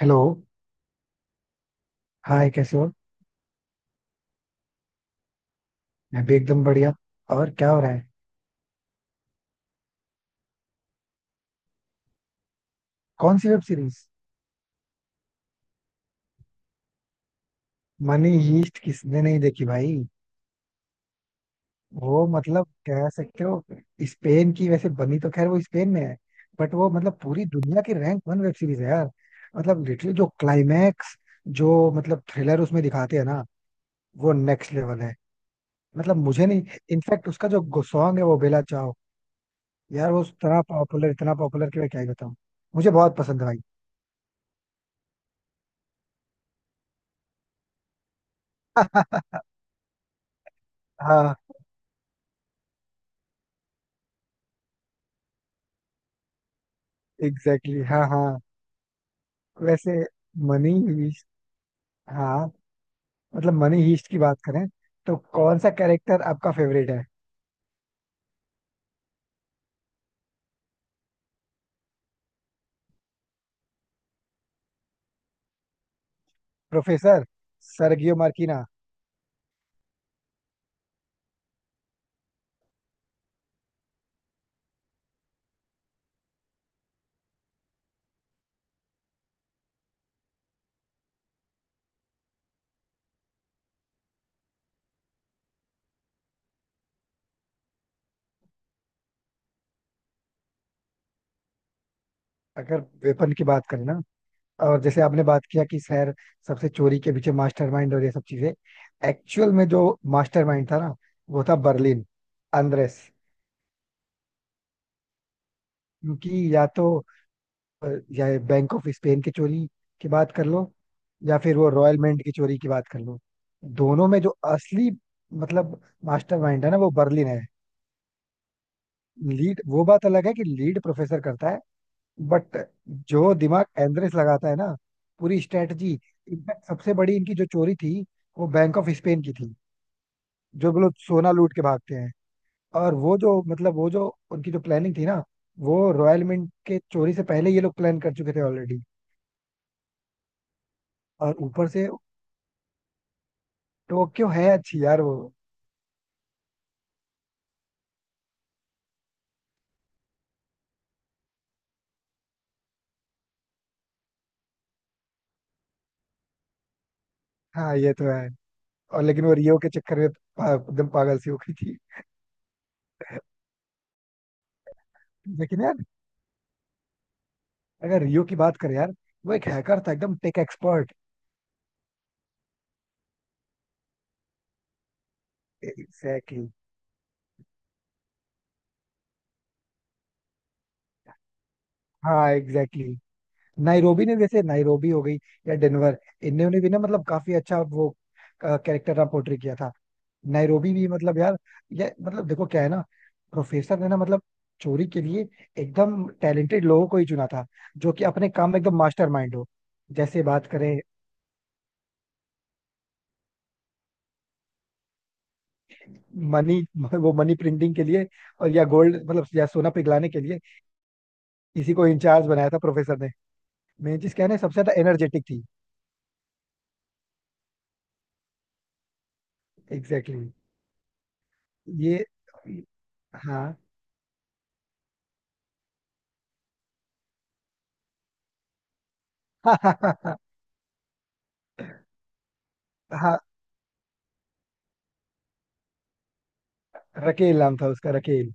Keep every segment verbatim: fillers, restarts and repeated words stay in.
Hello. Hi, कैसे हो? मैं भी एकदम बढ़िया। और क्या हो रहा है? कौन सी वेब सीरीज? मनी हीस्ट किसने नहीं देखी भाई। वो मतलब कह सकते हो, स्पेन की वैसे बनी, तो खैर वो स्पेन में है। बट वो मतलब पूरी दुनिया की रैंक वन वेब सीरीज है यार। मतलब लिटरली जो क्लाइमैक्स, जो मतलब थ्रिलर उसमें दिखाते हैं ना, वो नेक्स्ट लेवल है। मतलब मुझे नहीं। इनफैक्ट उसका जो सॉन्ग है वो बेला चाओ, यार वो इतना पॉपुलर, इतना पॉपुलर कि मैं क्या ही बताऊं। मुझे बहुत पसंद है भाई। हाँ, एग्जैक्टली exactly, हाँ हाँ। वैसे मनी हीस्ट। हाँ। मतलब मनी हीस्ट की बात करें, तो कौन सा कैरेक्टर आपका फेवरेट है? Professor Sergio Marquina. अगर वेपन की बात करें ना, और जैसे आपने बात किया कि सर, सबसे चोरी के पीछे मास्टरमाइंड और ये सब चीजें, एक्चुअल में जो मास्टरमाइंड था ना वो था बर्लिन, अंद्रेस। क्योंकि या तो, और या बैंक ऑफ स्पेन की चोरी की बात कर लो, या फिर वो रॉयल मेंट की चोरी की बात कर लो, दोनों में जो असली मतलब मास्टरमाइंड है ना वो बर्लिन है। लीड, वो बात अलग है कि लीड प्रोफेसर करता है। बट जो दिमाग एंड्रेस लगाता है ना, पूरी स्ट्रेटजी। इनफैक्ट सबसे बड़ी इनकी जो चोरी थी वो बैंक ऑफ स्पेन की थी। जो लोग सोना लूट के भागते हैं, और वो जो मतलब वो जो उनकी जो प्लानिंग थी ना, वो रॉयल मिंट के चोरी से पहले ये लोग प्लान कर चुके थे ऑलरेडी। और ऊपर से टोक्यो है अच्छी यार वो। हाँ ये तो है। और लेकिन वो रियो के चक्कर में पा- एकदम पागल सी हो गई थी। लेकिन यार, अगर रियो की बात करें यार, वो एक हैकर था एकदम टेक एक्सपर्ट। एग्जैक्टली। हाँ एग्जैक्टली exactly. नाइरोबी ने, जैसे नाइरोबी हो गई या डेनवर, इन्होंने भी ना मतलब काफी अच्छा वो कैरेक्टर का पोर्ट्रे किया था। नाइरोबी भी मतलब यार, ये मतलब देखो क्या है ना, प्रोफेसर ने ना मतलब चोरी के लिए एकदम टैलेंटेड लोगों को ही चुना था, जो कि अपने काम में एकदम मास्टरमाइंड हो। जैसे बात करें मनी, वो मनी प्रिंटिंग के लिए और या गोल्ड मतलब या सोना पिघलाने के लिए इसी को इंचार्ज बनाया था प्रोफेसर ने। मेन चीज क्या है ना, सबसे ज्यादा एनर्जेटिक थी। Exactly exactly. ये। हाँ हाँ हाँ हाँ। रकेल नाम था उसका, रकेल।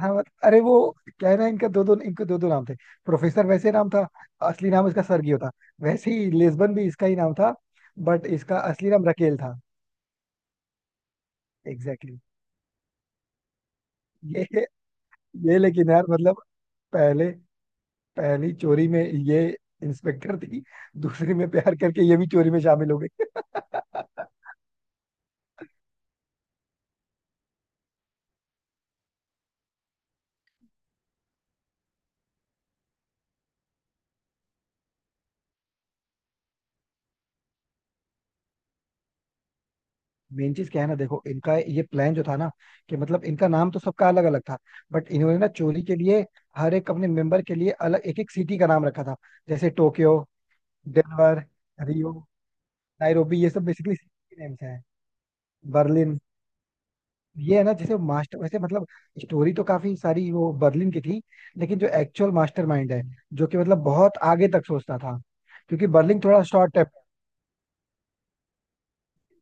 हाँ मत- अरे वो, क्या है ना, इनका दो दो इनके दो दो नाम थे। प्रोफेसर वैसे नाम था, असली नाम इसका सर्गियो था। वैसे ही लिस्बन भी इसका ही नाम था, बट इसका असली नाम रकेल था। Exactly exactly. ये ये लेकिन यार मतलब, पहले, पहली चोरी में ये इंस्पेक्टर थी, दूसरी में प्यार करके ये भी चोरी में शामिल हो गई। मेन चीज क्या है ना, देखो इनका ये प्लान जो था ना, कि मतलब इनका नाम तो सबका अलग अलग था, बट इन्होंने ना चोरी के लिए हर एक अपने मेंबर के लिए अलग एक एक सिटी का नाम रखा था। जैसे टोक्यो, डेनवर, रियो, नायरोबी, ये सब बेसिकली सिटी नेम्स हैं। बर्लिन, ये है ना जैसे मास्टर वैसे मतलब, स्टोरी तो काफी सारी वो बर्लिन की थी, लेकिन जो एक्चुअल मास्टरमाइंड है जो कि मतलब बहुत आगे तक सोचता था, क्योंकि बर्लिन थोड़ा शॉर्ट है।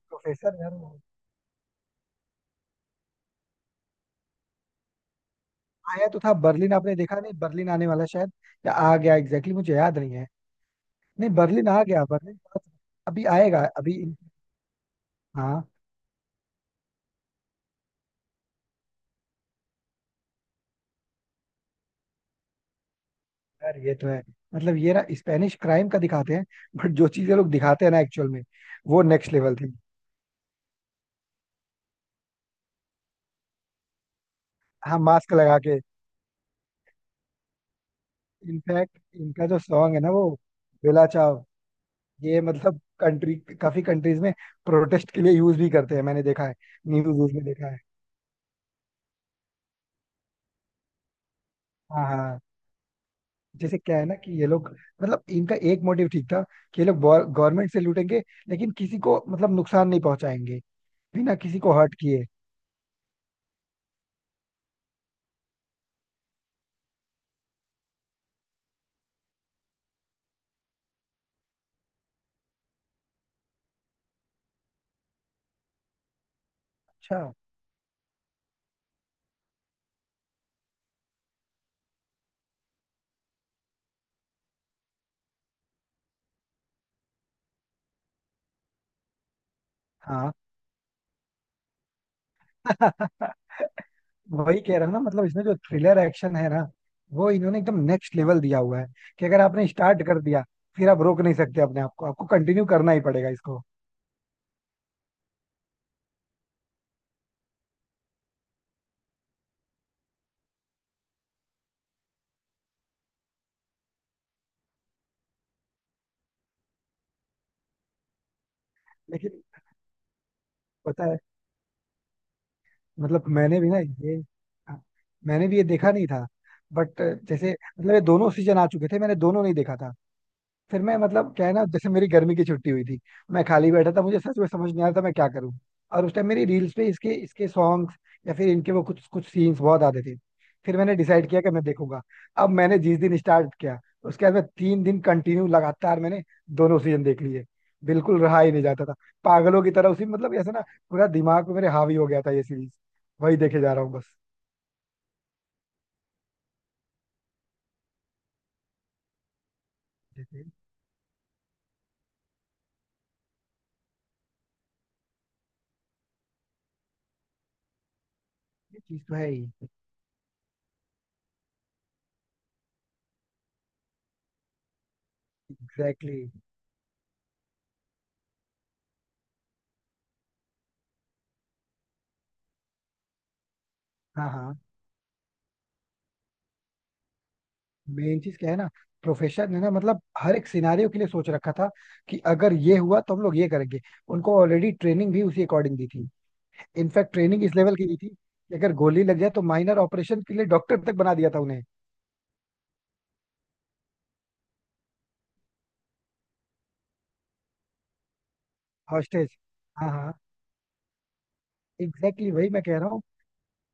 प्रोफेसर यार वो आया तो था बर्लिन, आपने देखा नहीं? बर्लिन आने वाला शायद, या आ गया एग्जैक्टली exactly, मुझे याद नहीं है। नहीं बर्लिन आ गया, बर्लिन बहुत- अभी आएगा अभी। हाँ यार ये तो है। मतलब ये ना स्पेनिश क्राइम का दिखाते हैं, बट जो चीजें लोग दिखाते हैं ना एक्चुअल में, वो नेक्स्ट लेवल थी। हाँ मास्क लगा के। इनफैक्ट इनका जो सॉन्ग है ना वो बेला चाव, ये मतलब कंट्री, काफी कंट्रीज में प्रोटेस्ट के लिए यूज भी करते हैं, मैंने देखा है। न्यूज न्यूज में देखा है। हाँ हाँ। जैसे क्या है ना कि ये लोग मतलब इनका एक मोटिव ठीक था कि ये लोग गवर्नमेंट से लूटेंगे, लेकिन किसी को मतलब नुकसान नहीं पहुंचाएंगे, बिना किसी को हर्ट किए। अच्छा हाँ। वही कह रहा हूँ ना, मतलब इसमें जो थ्रिलर एक्शन है ना, वो इन्होंने एकदम नेक्स्ट लेवल दिया हुआ है, कि अगर आपने स्टार्ट कर दिया फिर आप रोक नहीं सकते अपने आप को, आपको कंटिन्यू करना ही पड़ेगा इसको। लेकिन पता है, मतलब मैंने भी ना ये, हाँ, मैंने भी ये देखा नहीं था, बट जैसे मतलब ये दोनों सीजन आ चुके थे, मैंने दोनों नहीं देखा था। फिर मैं मतलब क्या है ना, जैसे मेरी गर्मी की छुट्टी हुई थी, मैं खाली बैठा था, मुझे सच में समझ नहीं आ रहा था मैं क्या करूं। और उस टाइम मेरी रील्स पे इसके इसके सॉन्ग्स या फिर इनके वो कुछ कुछ सीन्स बहुत आते थे। फिर मैंने डिसाइड किया कि मैं देखूंगा। अब मैंने जिस दिन स्टार्ट किया उसके बाद मैं तीन दिन कंटिन्यू लगातार मैंने दोनों सीजन देख लिए। बिल्कुल रहा ही नहीं जाता था, पागलों की तरह उसी मतलब ऐसा ना, पूरा दिमाग पे मेरे हावी हो गया था ये सीरीज, वही देखे जा रहा हूँ बस। जैसे, ये चीज तो है ही। Exactly exactly. हाँ हाँ। मेन चीज क्या है ना, प्रोफेशन है ना, मतलब हर एक सिनारियों के लिए सोच रखा था कि अगर ये हुआ तो हम लोग ये करेंगे, उनको ऑलरेडी ट्रेनिंग भी उसी अकॉर्डिंग दी थी। इनफैक्ट ट्रेनिंग इस लेवल की दी थी कि अगर गोली लग जाए तो माइनर ऑपरेशन के लिए डॉक्टर तक बना दिया था उन्हें। हॉस्टेज। हाँ हाँ। एग्जैक्टली exactly, वही मैं कह रहा हूँ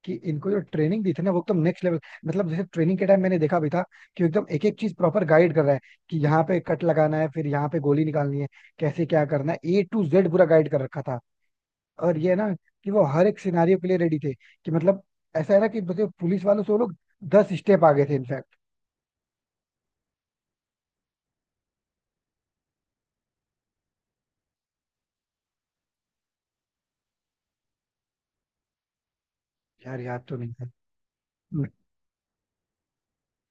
कि इनको जो ट्रेनिंग दी थी ना वो एकदम नेक्स्ट लेवल, मतलब जैसे ट्रेनिंग के टाइम मैंने देखा भी था कि एकदम एक एक चीज प्रॉपर गाइड कर रहा है, कि यहाँ पे कट लगाना है फिर यहाँ पे गोली निकालनी है, कैसे क्या करना है ए टू जेड पूरा गाइड कर रखा था। और ये ना कि वो हर एक सिनारियो के लिए रेडी थे, कि मतलब ऐसा है ना कि मतलब पुलिस वालों से वो लोग दस स्टेप आगे थे इनफैक्ट। यार याद तो नहीं है।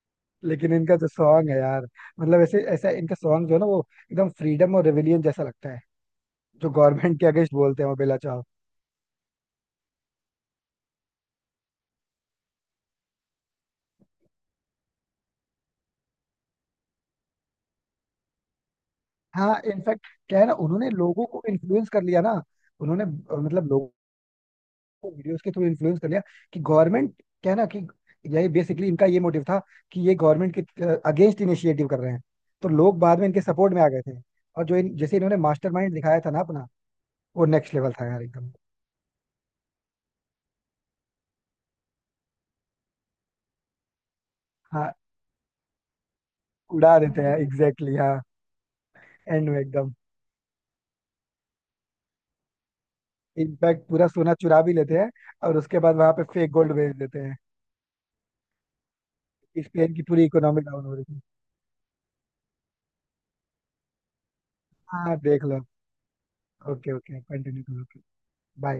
लेकिन इनका जो सॉन्ग है यार, मतलब ऐसे ऐसा इनका सॉन्ग जो है ना वो एकदम फ्रीडम और रेविलियन जैसा लगता है, जो गवर्नमेंट के अगेंस्ट बोलते हैं वो बेला चाव। हाँ इनफैक्ट क्या है ना, उन्होंने लोगों को इन्फ्लुएंस कर लिया ना, उन्होंने अ, मतलब लोगों, वीडियोस के थ्रू इन्फ्लुएंस कर लिया कि गवर्नमेंट, क्या है ना कि यही बेसिकली इनका ये मोटिव था कि ये गवर्नमेंट के अगेंस्ट इनिशिएटिव कर रहे हैं, तो लोग बाद में इनके सपोर्ट में आ गए थे। और जो इन, जैसे इन्होंने मास्टरमाइंड दिखाया था ना अपना, वो नेक्स्ट लेवल था यार एकदम। हाँ उड़ा देते हैं एग्जैक्टली exactly, हाँ। एंड में एकदम इनफैक्ट पूरा सोना चुरा भी लेते हैं और उसके बाद वहां पे फेक गोल्ड भेज देते हैं, स्पेन की पूरी इकोनॉमी डाउन हो रही थी। हाँ देख लो। ओके ओके कंटिन्यू करो। बाय।